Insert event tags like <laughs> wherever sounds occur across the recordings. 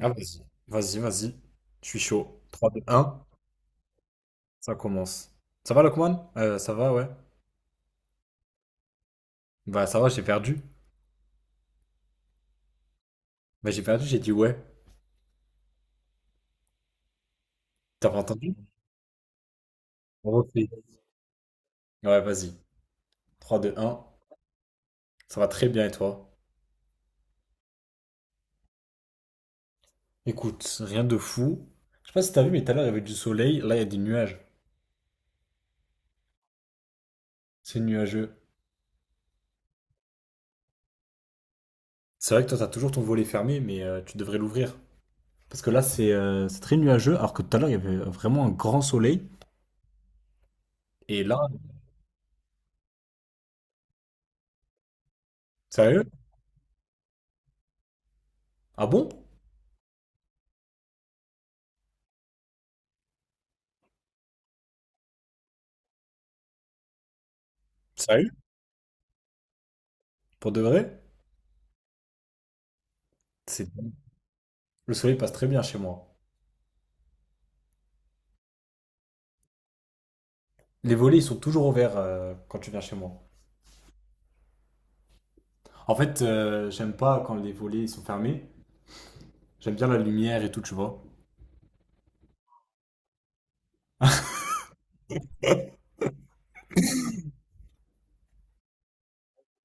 Ah, vas-y, vas-y, vas-y. Je suis chaud. Trois, deux, un, ça commence. Ça va, Lokman? Ça va, ouais. Bah, ça va, j'ai perdu. Bah, j'ai perdu, j'ai dit ouais. T'as pas entendu? On refait. Ouais, vas-y. Trois, deux, un. Ça va très bien et toi? Écoute, rien de fou. Je sais pas si t'as vu, mais tout à l'heure, il y avait du soleil. Là, il y a des nuages. C'est nuageux. C'est vrai que toi, t'as toujours ton volet fermé, mais tu devrais l'ouvrir. Parce que là, c'est très nuageux, alors que tout à l'heure, il y avait vraiment un grand soleil. Et là, sérieux? Ah bon? Sérieux? Pour de vrai? C'est Le soleil passe très bien chez moi. Les volets, ils sont toujours ouverts quand tu viens chez moi. En fait, j'aime pas quand les volets ils sont fermés. J'aime bien la lumière et tout, tu vois.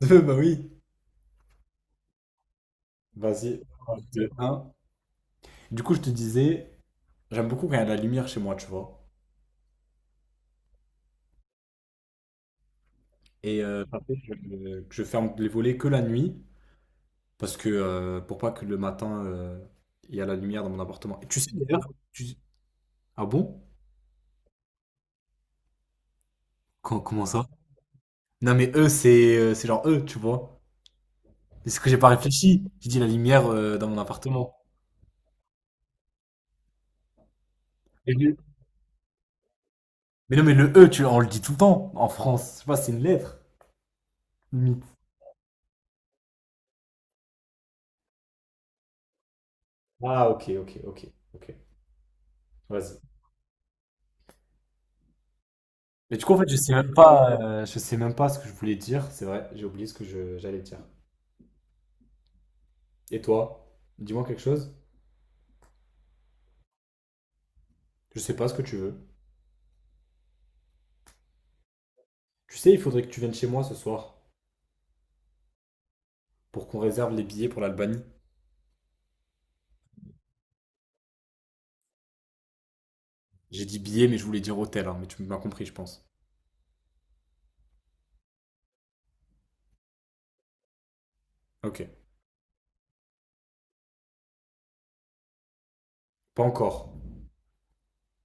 <laughs> Bah oui. Vas-y, un, deux, un. Du coup, je te disais, j'aime beaucoup quand il y a de la lumière chez moi, tu vois. Et ça fait que je ferme les volets que la nuit, parce que pour pas que le matin, il y a la lumière dans mon appartement. Et tu sais d'ailleurs, ah bon? Comment ça? Non mais eux, c'est genre eux, tu vois. C'est ce que j'ai pas réfléchi. J'ai dit la lumière dans mon appartement. Et le- Mais non, mais le E, tu, on le dit tout le temps en France. Je sais pas, c'est une lettre. Limite. Ah, ok, ok, ok, ok. Vas-y. Mais du coup, en fait, je sais même pas, je sais même pas ce que je voulais dire. C'est vrai, j'ai oublié ce que j'allais dire. Et toi, dis-moi quelque chose. Je sais pas ce que tu veux. Tu sais, il faudrait que tu viennes chez moi ce soir pour qu'on réserve les billets pour l'Albanie. J'ai dit billets, mais je voulais dire hôtel, hein, mais tu m'as compris, je pense. Ok. Pas encore.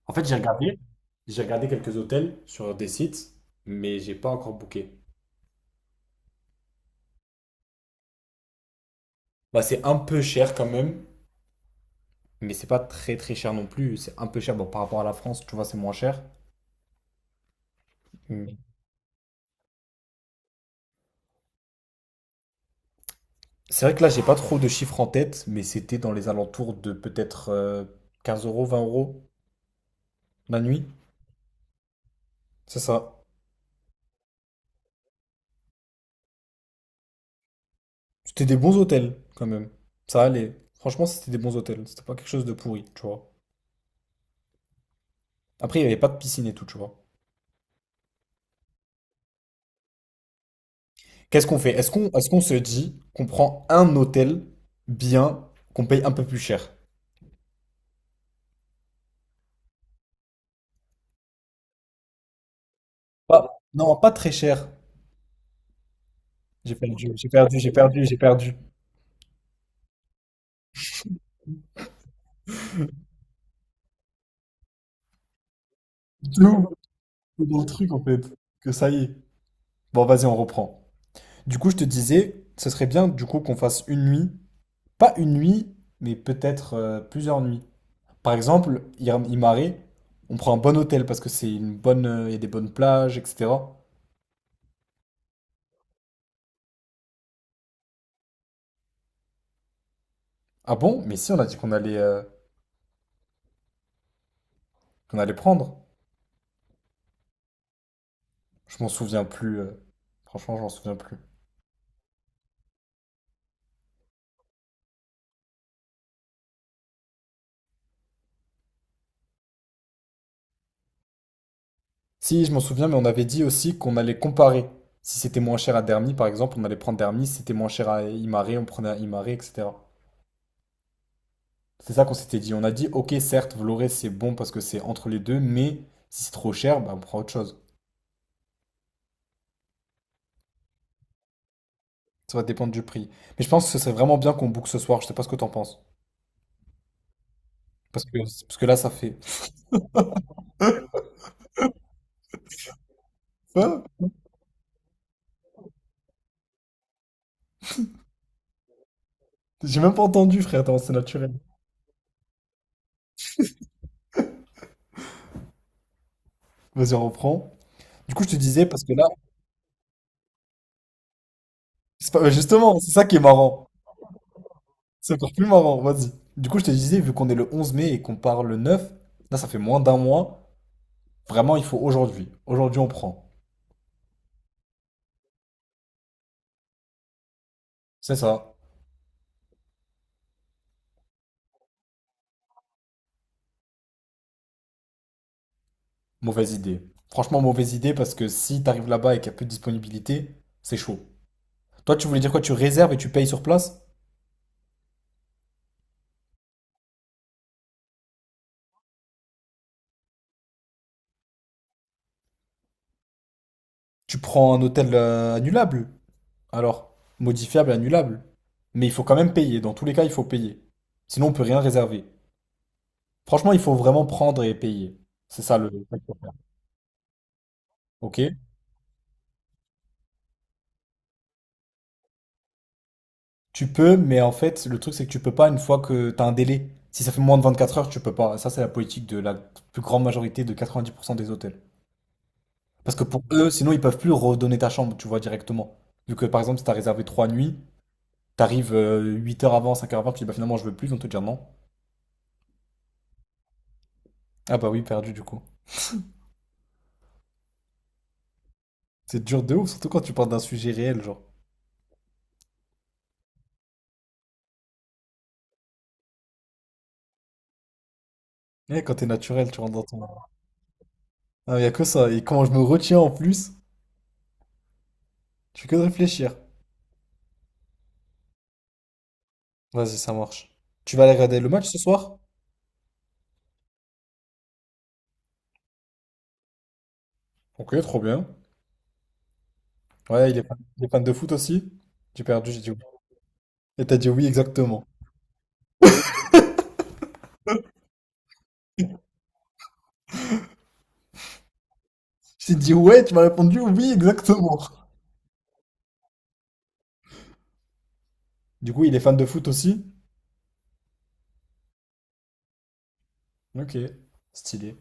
En fait, j'ai regardé quelques hôtels sur des sites, mais j'ai pas encore booké. Bah, c'est un peu cher quand même, mais c'est pas très très cher non plus. C'est un peu cher bon, par rapport à la France, tu vois, c'est moins cher. Mm. C'est vrai que là, j'ai pas trop de chiffres en tête, mais c'était dans les alentours de peut-être 15 euros, 20 € la nuit. C'est ça. C'était des bons hôtels quand même. Ça allait. Franchement, c'était des bons hôtels. C'était pas quelque chose de pourri, tu vois. Après, il y avait pas de piscine et tout, tu vois. Qu'est-ce qu'on fait? Est-ce qu'on se dit qu'on prend un hôtel bien, qu'on paye un peu plus cher? Non, pas très cher. J'ai perdu, j'ai perdu, j'ai perdu, j'ai perdu. De Dans le truc en fait. Que ça y est. Bon, vas-y, on reprend. Du coup, je te disais, ce serait bien du coup qu'on fasse une nuit. Pas une nuit, mais peut-être plusieurs nuits. Par exemple, Imare, on prend un bon hôtel parce que c'est une bonne, il y a des bonnes plages, etc. Ah bon? Mais si, on a dit qu'on allait prendre. Je m'en souviens plus. Franchement, je m'en souviens plus. Si, je m'en souviens, mais on avait dit aussi qu'on allait comparer. Si c'était moins cher à Dermy, par exemple, on allait prendre Dermy. Si c'était moins cher à Imaré, on prenait à Imaré, etc. C'est ça qu'on s'était dit. On a dit, ok, certes, Vloré, c'est bon parce que c'est entre les deux, mais si c'est trop cher, bah, on prend autre chose. Ça va dépendre du prix. Mais je pense que ce serait vraiment bien qu'on boucle ce soir. Je sais pas ce que t'en penses. Parce que là, ça fait. Hein. J'ai même pas entendu, frère. Attends, c'est naturel. Vas-y, on reprend. Du coup, je te disais, parce que là. C'est pas- Justement, c'est ça qui est marrant. C'est encore plus marrant, vas-y. Du coup, je te disais, vu qu'on est le 11 mai et qu'on part le 9, là, ça fait moins d'un mois. Vraiment, il faut aujourd'hui. Aujourd'hui, on prend. C'est ça. Mauvaise idée. Franchement, mauvaise idée parce que si t'arrives là-bas et qu'il y a peu de disponibilité, c'est chaud. Toi, tu voulais dire quoi? Tu réserves et tu payes sur place? Tu prends un hôtel annulable. Alors, modifiable, annulable. Mais il faut quand même payer. Dans tous les cas, il faut payer. Sinon, on peut rien réserver. Franchement, il faut vraiment prendre et payer. C'est ça le… Ok? Tu peux, mais en fait, le truc, c'est que tu peux pas une fois que t'as un délai. Si ça fait moins de 24 heures, tu peux pas. Ça, c'est la politique de la plus grande majorité de 90% des hôtels. Parce que pour eux, sinon, ils peuvent plus redonner ta chambre, tu vois, directement. Vu que, par exemple, si t'as réservé 3 nuits, t'arrives 8 heures avant, 5 heures avant, tu dis, bah finalement, je veux plus, ils vont te dire non. Ah bah oui, perdu, du coup. C'est dur de ouf, surtout quand tu parles d'un sujet réel, genre. Eh, quand t'es naturel, tu rentres dans ton… Ah, y a que ça. Et quand je me retiens en plus, tu fais que de réfléchir. Vas-y, ça marche. Tu vas aller regarder le match ce soir? Ok, trop bien. Ouais, il est fan de foot aussi? J'ai perdu, j'ai dit oui. Et t'as dit oui, exactement. J'ai dit ouais, tu m'as répondu oui, exactement. Du coup, il est fan de foot aussi? Ok, stylé.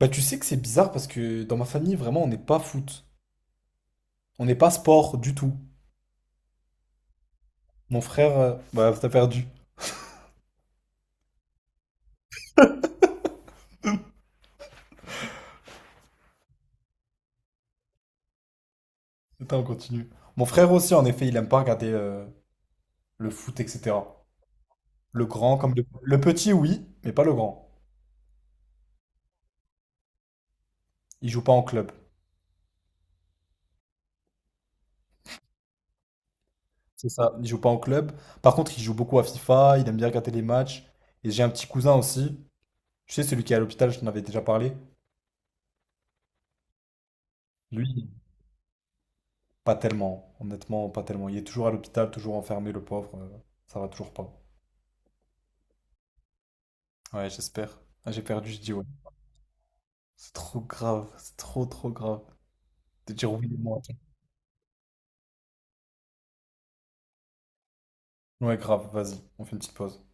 Bah, tu sais que c'est bizarre parce que dans ma famille, vraiment, on n'est pas foot. On n'est pas sport du tout. Mon frère. Bah, t'as perdu. Attends, on continue. Mon frère aussi, en effet, il aime pas regarder le foot, etc. Le grand comme le… le petit, oui, mais pas le grand. Il joue pas en club. C'est ça, il joue pas en club. Par contre, il joue beaucoup à FIFA, il aime bien regarder les matchs. Et j'ai un petit cousin aussi, tu sais, celui qui est à l'hôpital, je t'en avais déjà parlé. Lui, pas tellement, honnêtement, pas tellement. Il est toujours à l'hôpital, toujours enfermé, le pauvre. Ça va toujours pas. Ouais, j'espère. Ah, j'ai perdu, je dis ouais. C'est trop grave, c'est trop trop grave de dire oui et moi. Ouais, grave, vas-y, on fait une petite pause.